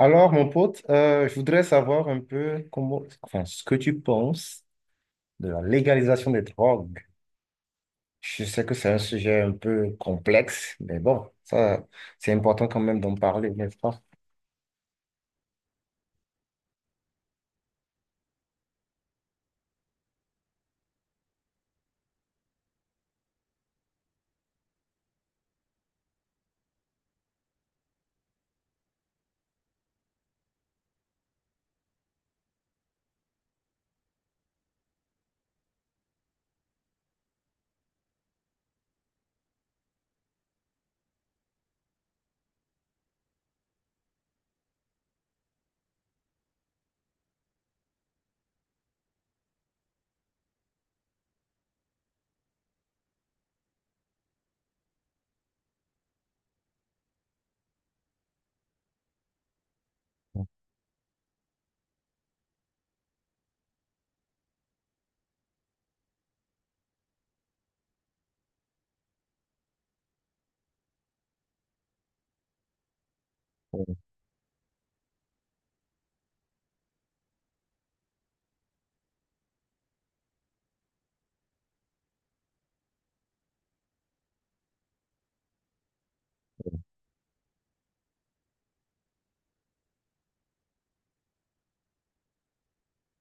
Alors, mon pote, je voudrais savoir un peu comment, enfin, ce que tu penses de la légalisation des drogues. Je sais que c'est un sujet un peu complexe, mais bon, ça, c'est important quand même d'en parler, n'est-ce pas?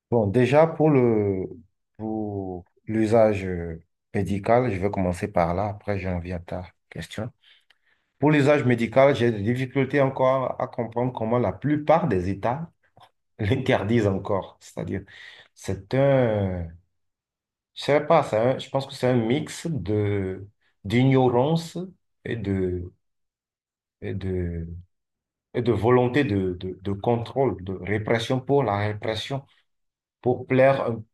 Bon, déjà, pour l'usage médical, je vais commencer par là, après j'en viens à ta question. Pour l'usage médical, j'ai des difficultés encore à comprendre comment la plupart des États l'interdisent encore. C'est-à-dire, c'est un, je sais pas, je pense que c'est un mix de d'ignorance et de, et de, et de volonté de contrôle, de répression pour la répression, pour plaire.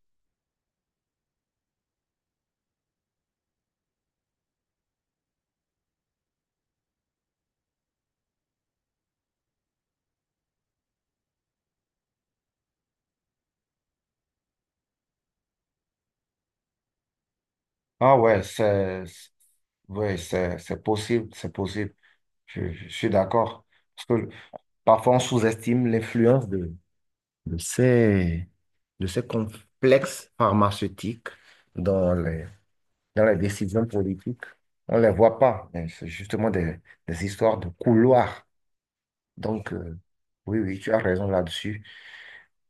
Ah ouais, ouais, c'est possible, c'est possible. Je suis d'accord. Parce que parfois on sous-estime l'influence de ces, de ces complexes pharmaceutiques dans les dans les décisions politiques. On ne les voit pas, mais c'est justement des histoires de couloirs. Donc, oui, oui, tu as raison là-dessus.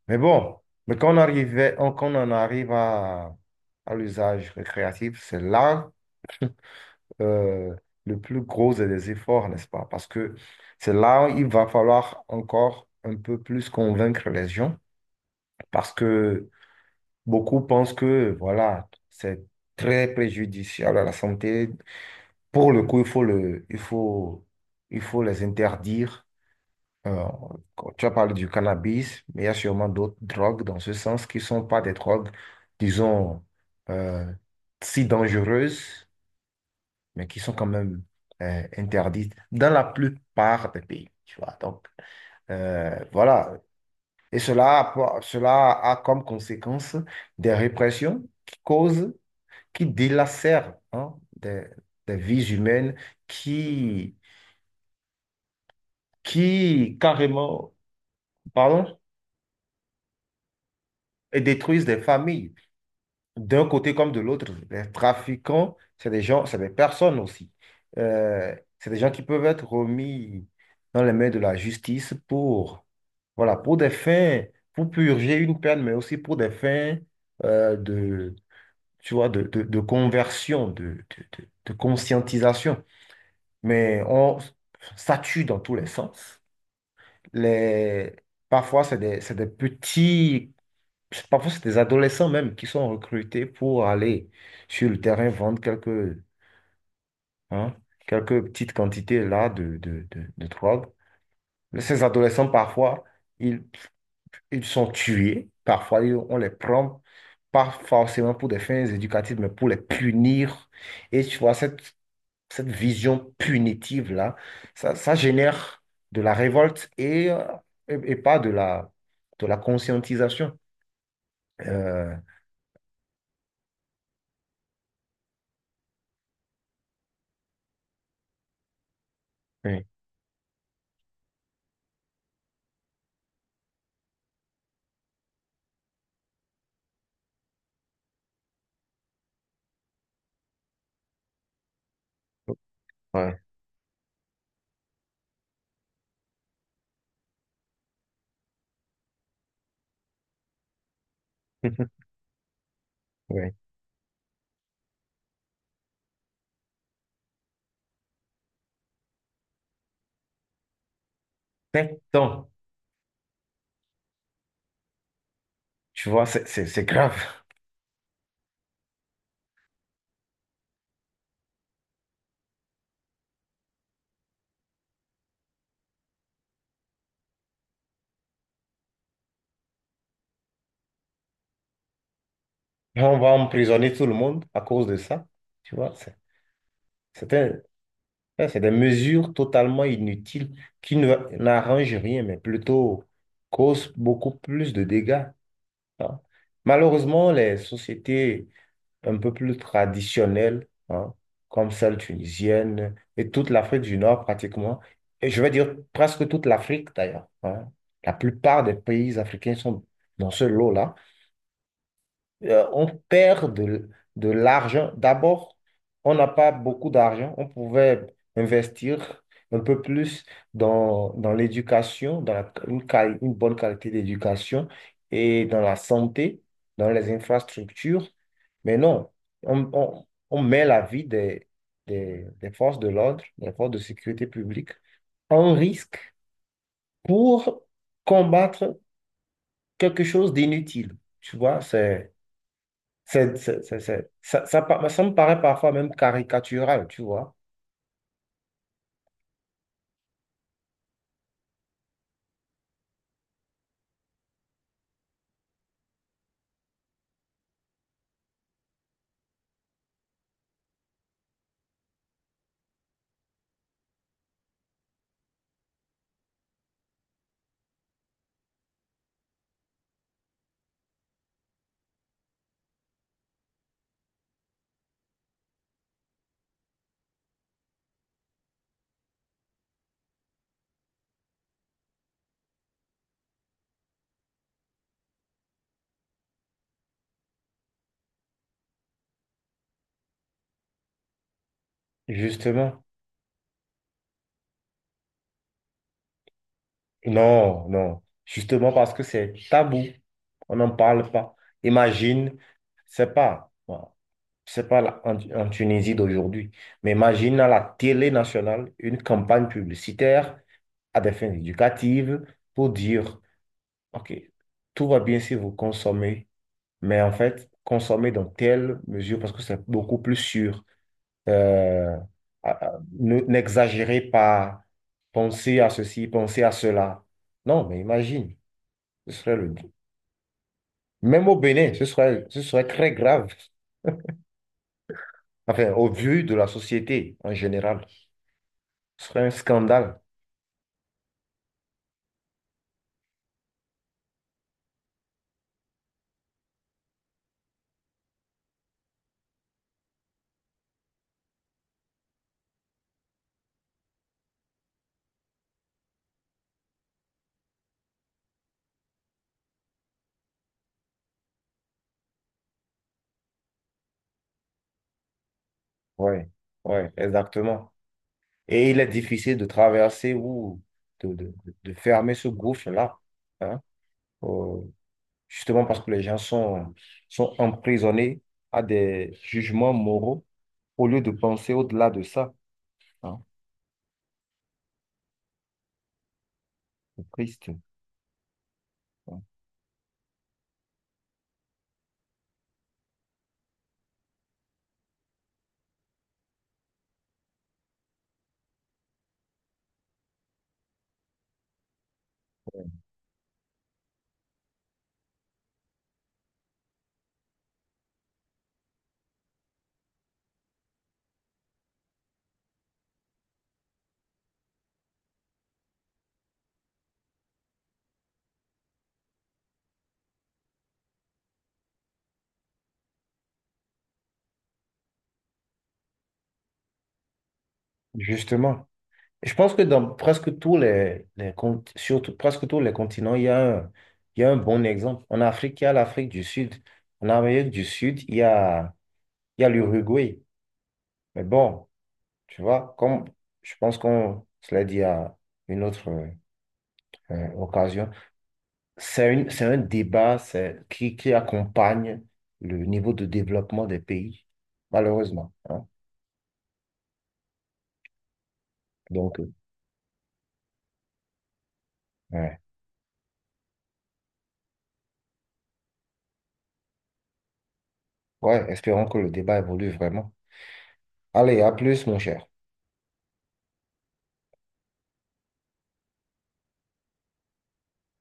Mais bon, quand on en arrive à l'usage récréatif, c'est là euh, le plus gros des efforts, n'est-ce pas? Parce que c'est là où il va falloir encore un peu plus convaincre les gens, parce que beaucoup pensent que, voilà, c'est très préjudiciable à la santé. Pour le coup, il faut le, il faut les interdire. Euh, tu as parlé du cannabis, mais il y a sûrement d'autres drogues dans ce sens qui ne sont pas des drogues, disons, euh, si dangereuses, mais qui sont quand même interdites dans la plupart des pays. Tu vois, donc, voilà. Et cela, a Cela a comme conséquence des répressions qui causent, qui délacèrent hein, des vies humaines qui qui carrément, pardon, et détruisent des familles, d'un côté comme de l'autre. Les trafiquants, c'est des gens, c'est des personnes aussi. C'est des gens qui peuvent être remis dans les mains de la justice voilà, pour des fins, pour purger une peine, mais aussi pour des fins de, tu vois, de conversion, de conscientisation. Mais ça tue dans tous les sens. Les, parfois, c'est des petits c'est- Parfois, c'est des adolescents même qui sont recrutés pour aller sur le terrain vendre quelques, hein, quelques petites quantités là de drogue. Mais ces adolescents, parfois, ils, ils sont tués. Parfois, on les prend pas forcément pour des fins éducatives, mais pour les punir. Et tu vois, cette vision punitive-là, ça génère de la révolte et pas de la conscientisation. Euh, oui, ouais. Oui. 7 ans. Tu vois, c'est grave. On va emprisonner tout le monde à cause de ça. Tu vois, c'est un- ça, c'est des mesures totalement inutiles qui ne- n'arrangent rien, mais plutôt causent beaucoup plus de dégâts. Hein. Malheureusement, les sociétés un peu plus traditionnelles, hein, comme celle tunisienne et toute l'Afrique du Nord pratiquement, et je vais dire presque toute l'Afrique d'ailleurs, hein, la plupart des pays africains sont dans ce lot-là. On perd de l'argent. D'abord, on n'a pas beaucoup d'argent. On pouvait investir un peu plus dans l'éducation, dans une bonne qualité d'éducation et dans la santé, dans les infrastructures. Mais non, on met la vie des forces de l'ordre, des forces de sécurité publique en risque pour combattre quelque chose d'inutile. Tu vois, ça me paraît parfois même caricatural, tu vois. Justement. Non, non. Justement parce que c'est tabou. On n'en parle pas. Imagine, c'est pas, bon, c'est pas en Tunisie d'aujourd'hui, mais imagine à la télé nationale une campagne publicitaire à des fins éducatives pour dire, OK, tout va bien si vous consommez, mais en fait, consommez dans telle mesure parce que c'est beaucoup plus sûr. Euh, à- N'exagérez pas, pensez à ceci, pensez à cela. Non, mais imagine, ce serait le... même au Bénin, ce serait très grave. Enfin, au vu de la société en général, ce serait un scandale. Ouais, ouais, exactement. Et il est difficile de traverser ou de, de, de fermer ce gouffre-là, hein, euh, justement parce que les gens sont emprisonnés à des jugements moraux au lieu de penser au-delà de ça. Ah, c'est triste. Ah. Justement. Je pense que dans presque tous les continents, il y a un bon exemple. En Afrique, il y a l'Afrique du Sud. En Amérique du Sud, il y a l'Uruguay. Mais bon, tu vois, comme je pense qu'on se l'a dit à une autre occasion, c'est un débat qui accompagne le niveau de développement des pays, malheureusement. Hein. Donc, ouais. Ouais, espérons que le débat évolue vraiment. Allez, à plus, mon cher.